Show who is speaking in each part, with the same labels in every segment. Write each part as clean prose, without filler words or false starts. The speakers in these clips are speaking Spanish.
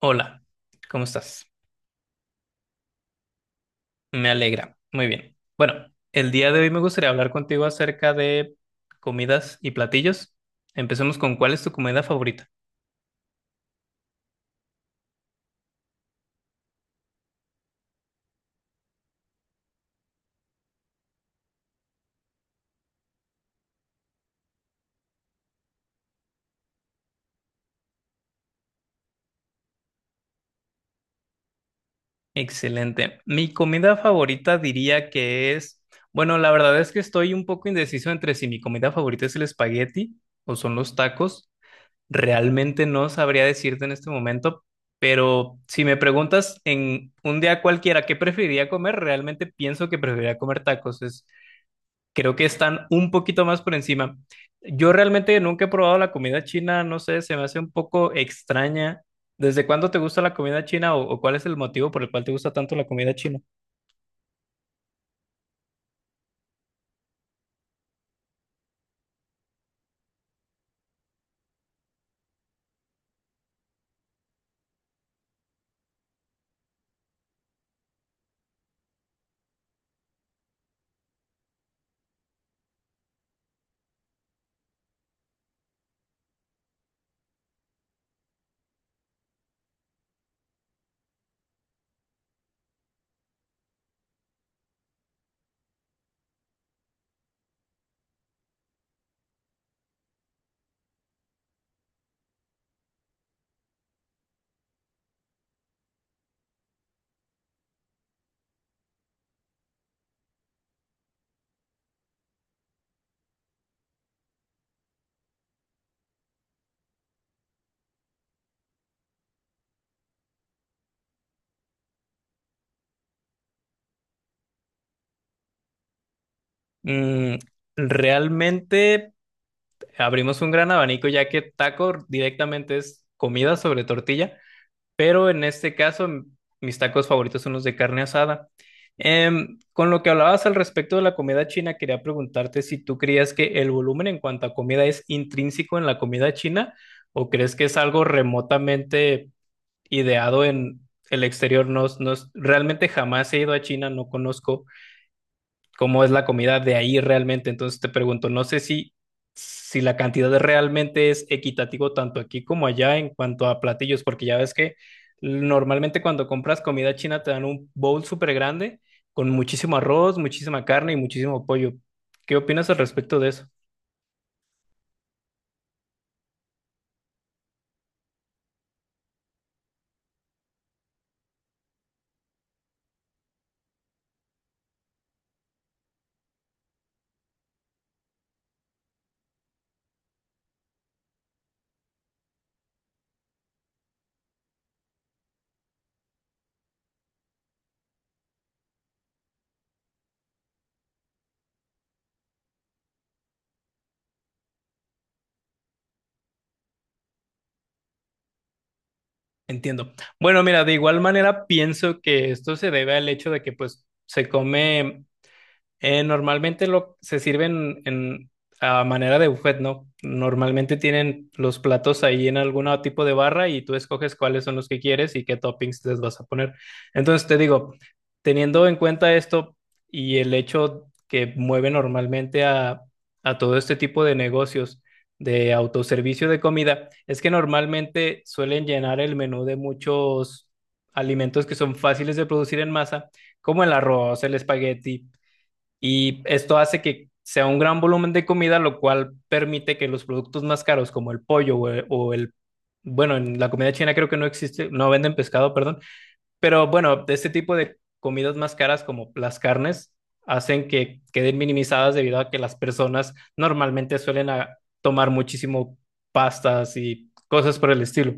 Speaker 1: Hola, ¿cómo estás? Me alegra. Muy bien. Bueno, el día de hoy me gustaría hablar contigo acerca de comidas y platillos. Empecemos con, ¿cuál es tu comida favorita? Excelente. Mi comida favorita diría que es, bueno, la verdad es que estoy un poco indeciso entre si mi comida favorita es el espagueti o son los tacos. Realmente no sabría decirte en este momento, pero si me preguntas en un día cualquiera qué preferiría comer, realmente pienso que preferiría comer tacos. Es, creo que están un poquito más por encima. Yo realmente nunca he probado la comida china, no sé, se me hace un poco extraña. ¿Desde cuándo te gusta la comida china o cuál es el motivo por el cual te gusta tanto la comida china? Mm, realmente abrimos un gran abanico ya que taco directamente es comida sobre tortilla, pero en este caso mis tacos favoritos son los de carne asada. Con lo que hablabas al respecto de la comida china, quería preguntarte si tú creías que el volumen en cuanto a comida es intrínseco en la comida china o crees que es algo remotamente ideado en el exterior. No, realmente jamás he ido a China, no conozco cómo es la comida de ahí realmente. Entonces te pregunto, no sé si, si la cantidad realmente es equitativo tanto aquí como allá en cuanto a platillos, porque ya ves que normalmente cuando compras comida china te dan un bowl súper grande con muchísimo arroz, muchísima carne y muchísimo pollo. ¿Qué opinas al respecto de eso? Entiendo. Bueno, mira, de igual manera pienso que esto se debe al hecho de que pues se come. Normalmente lo, se sirven en, a manera de buffet, ¿no? Normalmente tienen los platos ahí en algún tipo de barra y tú escoges cuáles son los que quieres y qué toppings les vas a poner. Entonces te digo, teniendo en cuenta esto y el hecho que mueve normalmente a todo este tipo de negocios de autoservicio de comida, es que normalmente suelen llenar el menú de muchos alimentos que son fáciles de producir en masa, como el arroz, el espagueti, y esto hace que sea un gran volumen de comida, lo cual permite que los productos más caros como el pollo o o el, bueno, en la comida china creo que no existe, no venden pescado, perdón, pero bueno, de este tipo de comidas más caras como las carnes, hacen que queden minimizadas debido a que las personas normalmente suelen tomar muchísimo pastas y cosas por el estilo.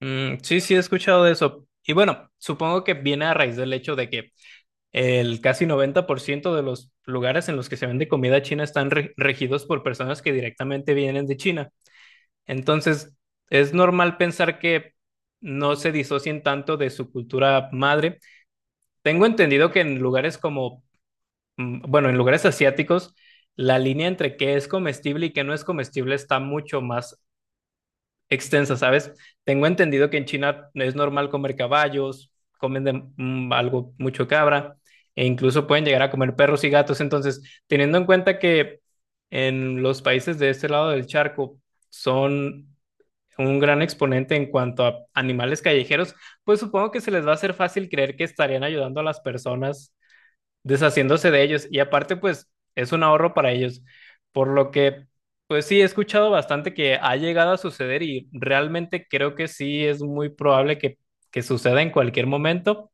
Speaker 1: Mm, sí, sí, he escuchado de eso. Y bueno, supongo que viene a raíz del hecho de que el casi 90% de los lugares en los que se vende comida china están regidos por personas que directamente vienen de China. Entonces, es normal pensar que no se disocien tanto de su cultura madre. Tengo entendido que en lugares como, bueno, en lugares asiáticos, la línea entre qué es comestible y qué no es comestible está mucho más extensa, ¿sabes? Tengo entendido que en China es normal comer caballos, comen de, algo mucho cabra e incluso pueden llegar a comer perros y gatos. Entonces, teniendo en cuenta que en los países de este lado del charco son un gran exponente en cuanto a animales callejeros, pues supongo que se les va a hacer fácil creer que estarían ayudando a las personas deshaciéndose de ellos. Y aparte, pues es un ahorro para ellos. Por lo que, pues sí, he escuchado bastante que ha llegado a suceder y realmente creo que sí es muy probable que suceda en cualquier momento.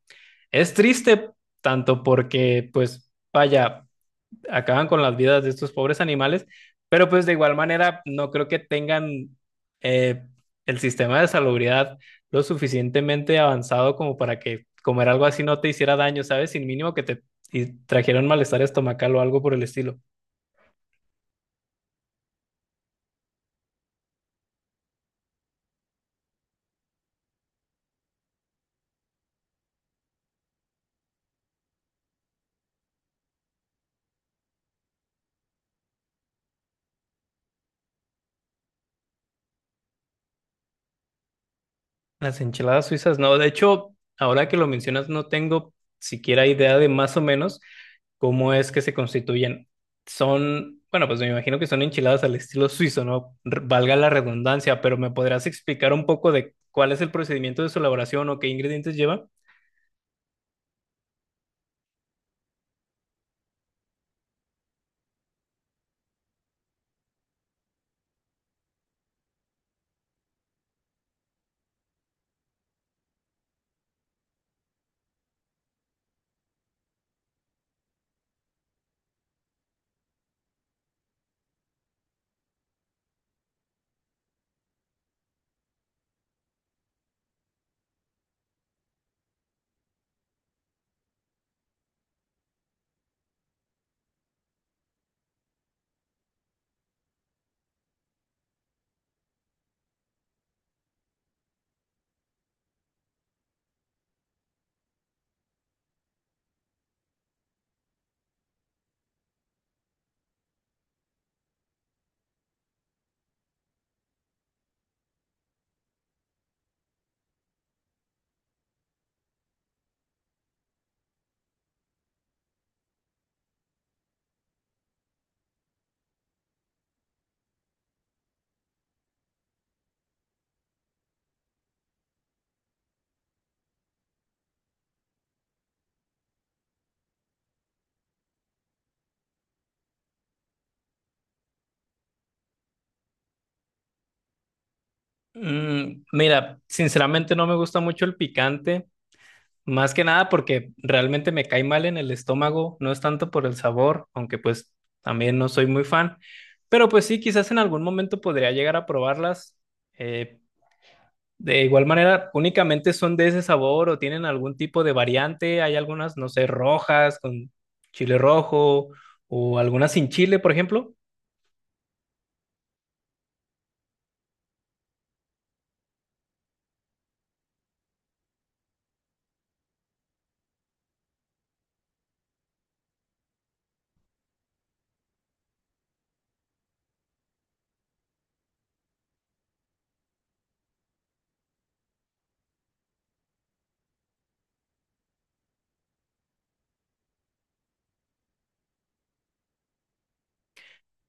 Speaker 1: Es triste tanto porque, pues, vaya, acaban con las vidas de estos pobres animales, pero pues de igual manera no creo que tengan eh, el sistema de salubridad lo suficientemente avanzado como para que comer algo así no te hiciera daño, ¿sabes? Sin mínimo que te y trajeran malestar estomacal o algo por el estilo. Las enchiladas suizas, no. De hecho, ahora que lo mencionas, no tengo siquiera idea de más o menos cómo es que se constituyen. Son, bueno, pues me imagino que son enchiladas al estilo suizo, ¿no? Valga la redundancia, pero ¿me podrás explicar un poco de cuál es el procedimiento de su elaboración o qué ingredientes lleva? Mm, mira, sinceramente no me gusta mucho el picante. Más que nada porque realmente me cae mal en el estómago, no es tanto por el sabor, aunque pues también no soy muy fan, pero pues sí, quizás en algún momento podría llegar a probarlas. Eh, de igual manera, únicamente son de ese sabor o tienen algún tipo de variante. Hay algunas, no sé, rojas con chile rojo o algunas sin chile, por ejemplo.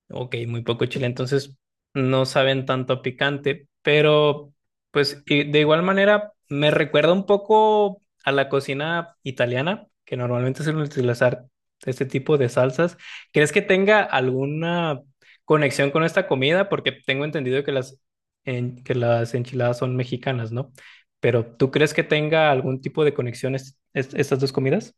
Speaker 1: Ok, muy poco chile, entonces no saben tanto a picante, pero pues y de igual manera me recuerda un poco a la cocina italiana, que normalmente suelen utilizar este tipo de salsas. ¿Crees que tenga alguna conexión con esta comida? Porque tengo entendido que las, que las enchiladas son mexicanas, ¿no? Pero ¿tú crees que tenga algún tipo de conexión estas dos comidas?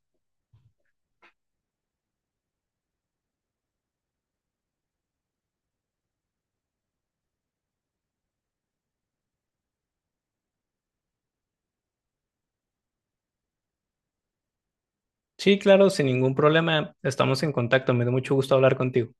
Speaker 1: Sí, claro, sin ningún problema, estamos en contacto, me dio mucho gusto hablar contigo.